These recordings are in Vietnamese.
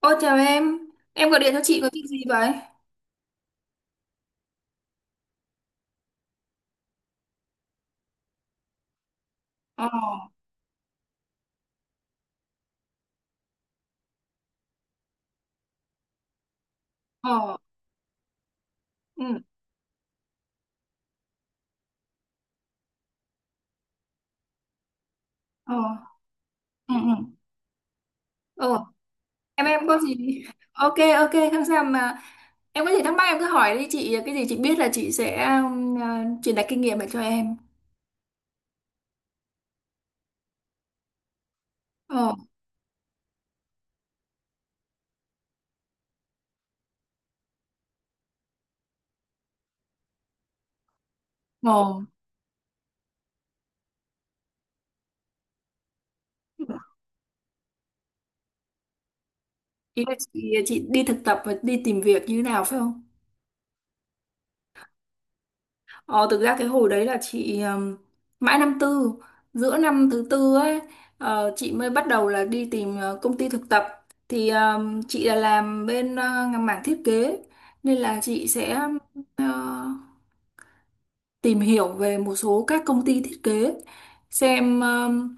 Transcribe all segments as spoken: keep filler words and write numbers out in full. Ô chào em, em gọi điện cho chị có việc gì vậy? Ờ, ờ, ừ, ờ, ừ, ừ. Ờ, em em có gì? Ok, ok, không sao mà em có gì thắc mắc em cứ hỏi đi chị, cái gì chị biết là chị sẽ um, à, truyền đạt kinh nghiệm lại cho em. Ờ, ờ, ý là chị, chị đi thực tập và đi tìm việc như thế nào phải không? Ờ, thực ra cái hồi đấy là chị ừm, mãi năm tư, giữa năm thứ tư ấy, ờ, chị mới bắt đầu là đi tìm ờ, công ty thực tập, thì ừm, chị là làm bên ờ, mảng thiết kế, nên là chị sẽ ờ, tìm hiểu về một số các công ty thiết kế, xem ừm,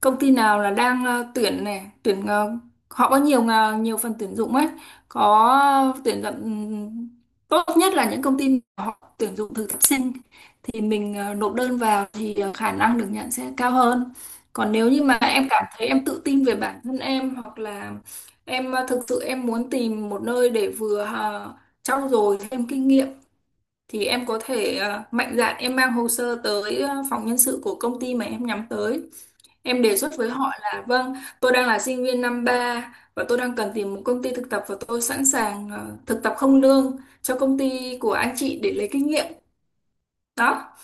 công ty nào là đang ờ, tuyển này tuyển ờ, họ có nhiều ngà- nhiều phần tuyển dụng ấy, có tuyển dụng ừm, tốt nhất là những công ty mà họ tuyển dụng thực tập sinh, thì mình ờ, nộp đơn vào thì ờ, khả năng được nhận sẽ cao hơn. Còn nếu như mà em cảm thấy em tự tin về bản thân em, hoặc là em ờ, thực sự em muốn tìm một nơi để vừa ờ, trau dồi thêm kinh nghiệm, thì em có thể ờ, mạnh dạn em mang hồ sơ tới ờ, phòng nhân sự của công ty mà em nhắm tới. Em đề xuất với họ là: vâng, tôi đang là sinh viên năm ba và tôi đang cần tìm một công ty thực tập và tôi sẵn sàng ờ, thực tập không lương cho công ty của anh chị để lấy kinh nghiệm. Đó.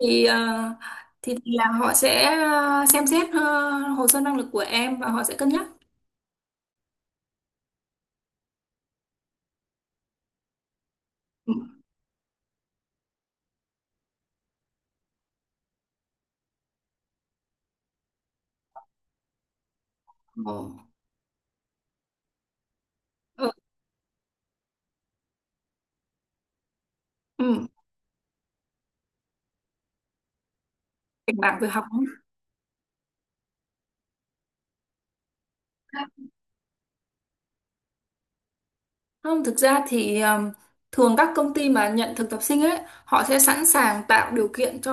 Thì ờ, thì là họ sẽ ờ, xem xét ờ, hồ sơ năng lực của em và họ sẽ cân nhắc. Ừ. Ồ. Ừ. Ừ. Cảnh báo về học. Không, thực ra thì um, thường các công ty mà nhận thực tập sinh ấy, họ sẽ sẵn sàng tạo điều kiện cho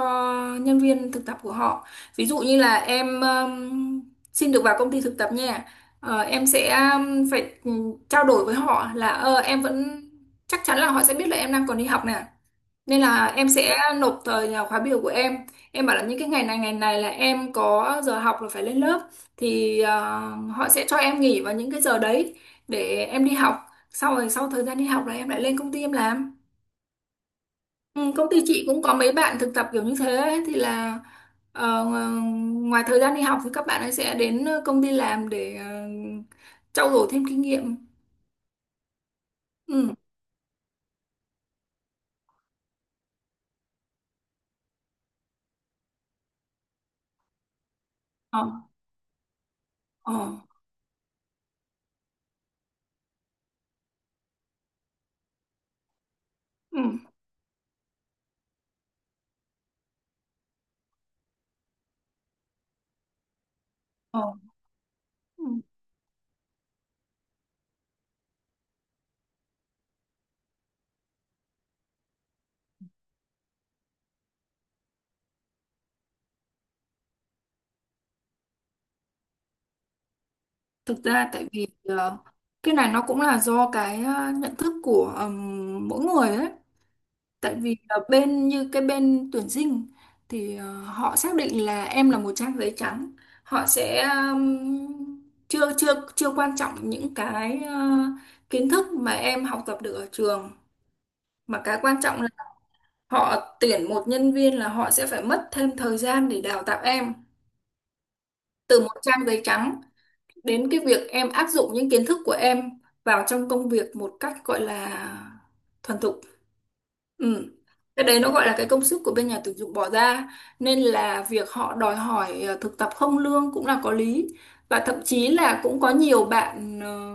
nhân viên thực tập của họ. Ví dụ như là em um, xin được vào công ty thực tập nha, ờ, em sẽ um, phải ừ, trao đổi với họ là ờ, em vẫn, chắc chắn là họ sẽ biết là em đang còn đi học nè. Nên là em sẽ nộp thời là khóa biểu của em. Em bảo là những cái ngày này ngày này là em có giờ học là phải lên lớp, thì ờ, họ sẽ cho em nghỉ vào những cái giờ đấy để em đi học. Sau rồi sau thời gian đi học là em lại lên công ty em làm. Ừ, công ty chị cũng có mấy bạn thực tập kiểu như thế ấy, thì là ờ, ngoài thời gian đi học thì các bạn ấy sẽ đến công ty làm để ờ, trau dồi thêm kinh nghiệm. Ừ. Ờ. Ờ. Ừ. Ờ. Ừ. Thực ra tại vì ờ, cái này nó cũng là do cái ờ, nhận thức của ừm, mỗi người ấy. Tại vì là bên như cái bên tuyển sinh thì ờ, họ xác định là em là một trang giấy trắng. Họ sẽ ừm, chưa chưa chưa quan trọng những cái ờ, kiến thức mà em học tập được ở trường, mà cái quan trọng là họ tuyển một nhân viên là họ sẽ phải mất thêm thời gian để đào tạo em từ một trang giấy trắng đến cái việc em áp dụng những kiến thức của em vào trong công việc một cách gọi là thuần thục. Ừ. Cái đấy nó gọi là cái công sức của bên nhà tuyển dụng bỏ ra, nên là việc họ đòi hỏi ờ, thực tập không lương cũng là có lý, và thậm chí là cũng có nhiều bạn ờ,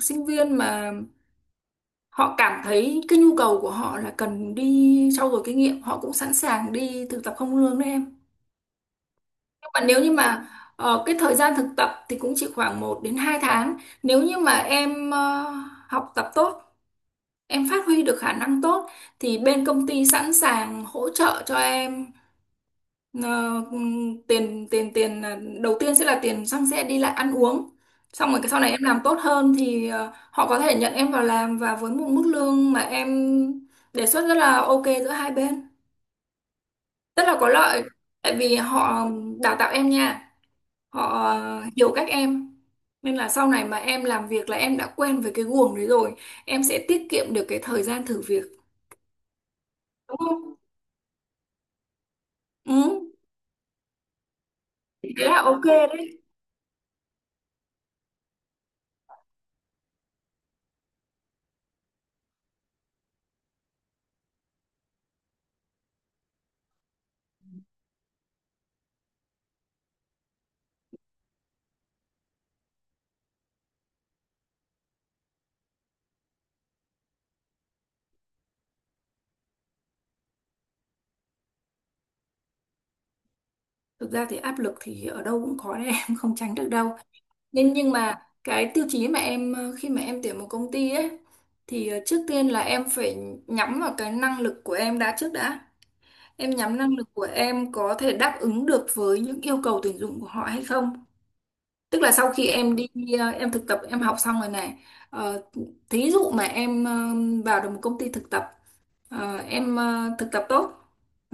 sinh viên mà họ cảm thấy cái nhu cầu của họ là cần đi trau dồi kinh nghiệm, họ cũng sẵn sàng đi thực tập không lương đấy em. Nhưng mà nếu như mà ờ, cái thời gian thực tập thì cũng chỉ khoảng một đến hai tháng. Nếu như mà em ờ, học tập tốt, em phát huy được khả năng tốt, thì bên công ty sẵn sàng hỗ trợ cho em ờ, ừm, tiền tiền tiền là- đầu tiên sẽ là tiền xăng xe đi lại ăn uống. Xong rồi cái sau này em làm tốt hơn thì ờ, họ có thể nhận em vào làm và với một mức lương mà em đề xuất rất là ok giữa hai bên. Rất là có lợi tại vì họ đào tạo em nha, họ hiểu các em, nên là sau này mà em làm việc là em đã quen với cái guồng đấy rồi, em sẽ tiết kiệm được cái thời gian thử việc, đúng không. Ừ, thế là ok đấy. Thực ra thì áp lực thì ở đâu cũng có đấy em không tránh được đâu, nên nhưng mà cái tiêu chí mà em ờ, khi mà em tuyển một công ty ấy, thì ờ, trước tiên là em phải nhắm vào cái năng lực của em đã trước đã. Em nhắm năng lực của em có thể đáp ứng được với những yêu cầu tuyển dụng của họ hay không. Tức là sau khi em đi ờ, em thực tập em học xong rồi này, ờ, thí dụ mà em ờ, vào được một công ty thực tập, ờ, em ờ, thực tập tốt,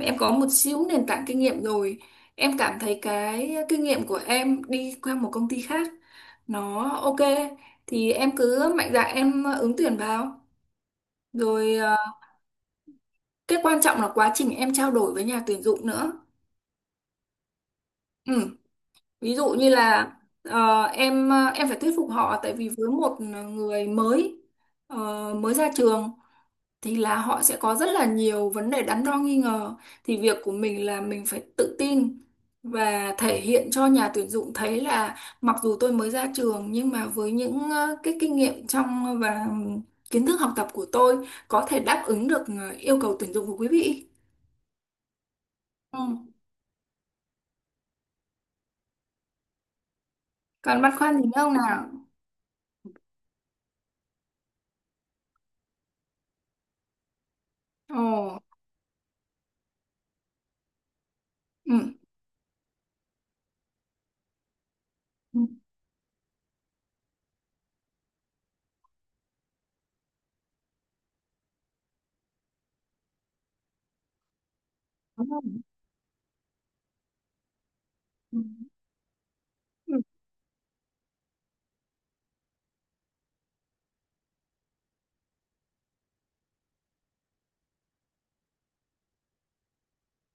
em có một xíu nền tảng kinh nghiệm rồi, em cảm thấy cái kinh nghiệm của em đi qua một công ty khác nó ok, thì em cứ mạnh dạn em ứng tuyển vào. Rồi ờ, cái quan trọng là quá trình em trao đổi với nhà tuyển dụng nữa. Ừ. Ví dụ như là ờ, em ờ, em phải thuyết phục họ, tại vì với một người mới, ờ, mới ra trường, thì là họ sẽ có rất là nhiều vấn đề đắn đo nghi ngờ, thì việc của mình là mình phải tự tin và thể hiện cho nhà tuyển dụng thấy là mặc dù tôi mới ra trường nhưng mà với những ờ, cái kinh nghiệm trong và kiến thức học tập của tôi có thể đáp ứng được ờ, yêu cầu tuyển dụng của quý vị. Ừ. Còn băn khoăn gì nữa không nào? Ồ. Ừ. Ừ. Ừ. Ừ.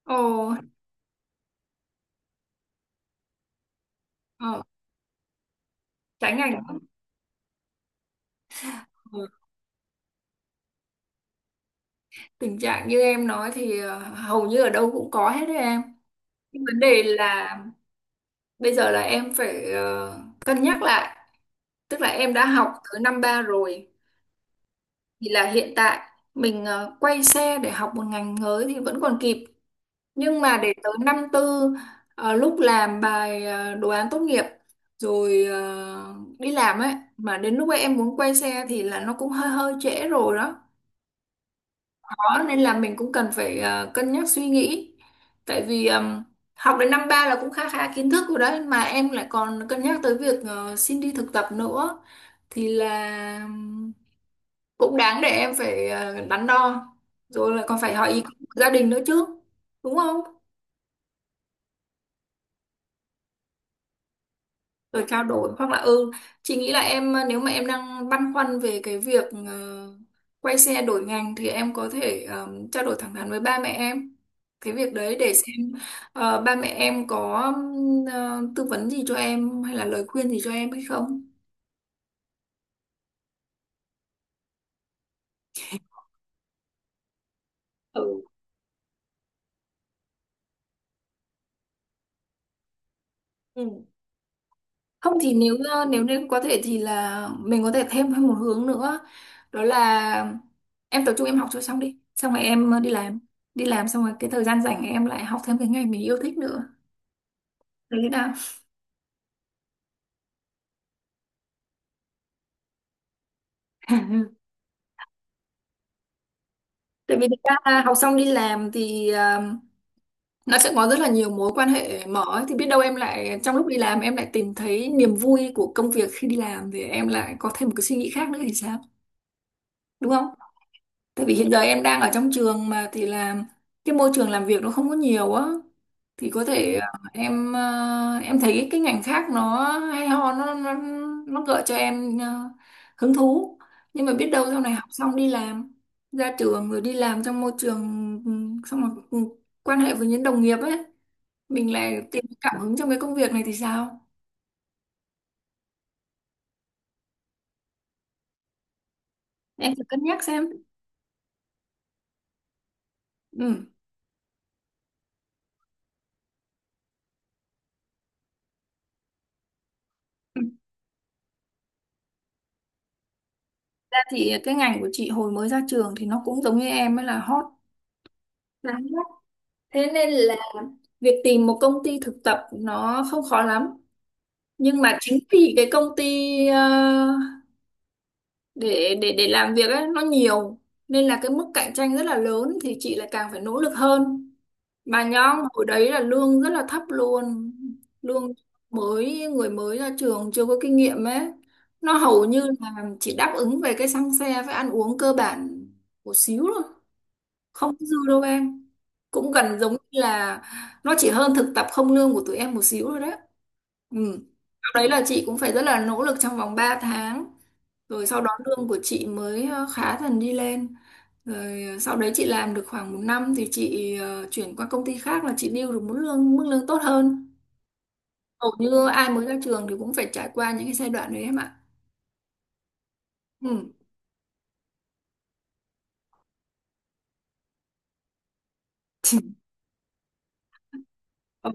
Ồ. Ờ, tránh ảnh hưởng. Ừ. Tình trạng như em nói thì ờ, hầu như ở đâu cũng có hết đấy em. Nhưng vấn đề là bây giờ là em phải ờ, cân nhắc lại. Tức là em đã học tới năm ba rồi, thì là hiện tại mình ờ, quay xe để học một ngành mới thì vẫn còn kịp. Nhưng mà để tới năm tư, ờ, lúc làm bài ờ, đồ án tốt nghiệp rồi ờ, đi làm ấy, mà đến lúc ấy em muốn quay xe thì là nó cũng hơi hơi trễ rồi đó. Rõ, nên là mình cũng cần phải ờ, cân nhắc suy nghĩ, tại vì ờm, học đến năm ba là cũng khá khá kiến thức rồi đấy, mà em lại còn cân nhắc tới việc ờ, xin đi thực tập nữa, thì là ừm, cũng đáng để em phải ờ, đắn đo, rồi lại còn phải hỏi ý kiến của gia đình nữa chứ, đúng không. Rồi trao đổi hoặc là, ừ, chị nghĩ là em ờ, nếu mà em đang băn khoăn về cái việc ờ, quay xe đổi ngành, thì em có thể ờ, trao đổi thẳng thắn với ba mẹ em cái việc đấy để xem ờ, ba mẹ em có ừm, ờ, tư vấn gì cho em hay là lời khuyên gì cho em hay không. Ừ. Không thì nếu ờ, nếu nên có thể thì là mình có thể thêm một hướng nữa, đó là em tập trung em học cho xong đi, xong rồi em ờ, đi làm, đi làm xong rồi cái thời gian rảnh em lại học thêm cái ngành mình yêu thích nữa đấy. Tại vì thực ra là học xong đi làm thì ờ, nó sẽ có rất là nhiều mối quan hệ mở ấy. Thì biết đâu em lại trong lúc đi làm em lại tìm thấy niềm vui của công việc, khi đi làm thì em lại có thêm một cái suy nghĩ khác nữa thì sao? Đúng không? Tại vì hiện giờ em đang ở trong trường mà thì làm cái môi trường làm việc nó không có nhiều á, thì có thể ờ, em ờ, em thấy cái, cái ngành khác nó hay ho, nó nó nó gợi cho em ờ, hứng thú, nhưng mà biết đâu sau này học xong đi làm, ra trường rồi đi làm trong môi trường, ừ, xong rồi ừ, quan hệ với những đồng nghiệp ấy, mình lại tìm cảm hứng trong cái công việc này thì sao. Em thử cân nhắc xem. Ừ. Ừ. Ra thì cái ngành của chị hồi mới ra trường thì nó cũng giống như em ấy là hot. Đáng lắm. Thế nên là việc tìm một công ty thực tập nó không khó lắm. Nhưng mà chính vì cái công ty ờ, để để để làm việc ấy nó nhiều, nên là cái mức cạnh tranh rất là lớn, thì chị lại càng phải nỗ lực hơn. Mà nhóm hồi đấy là lương rất là thấp luôn. Lương mới, người mới ra trường chưa có kinh nghiệm ấy, nó hầu như là chỉ đáp ứng về cái xăng xe với ăn uống cơ bản một xíu thôi, không dư đâu em, cũng gần giống như là nó chỉ hơn thực tập không lương của tụi em một xíu rồi đấy. Ừ. Sau đấy là chị cũng phải rất là nỗ lực trong vòng ba tháng, rồi sau đó lương của chị mới ờ, khá dần đi lên, rồi ờ, sau đấy chị làm được khoảng một năm thì chị ờ, chuyển qua công ty khác là chị điêu được mức lương mức lương tốt hơn. Hầu như ai mới ra trường thì cũng phải trải qua những cái giai đoạn đấy em ạ. Ừ. Ừ.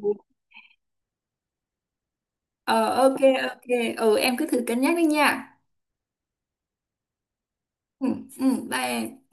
Ờ, ok, ok. Ừ, em cứ thử cân nhắc đi nha. Ừ, ừ, bye em.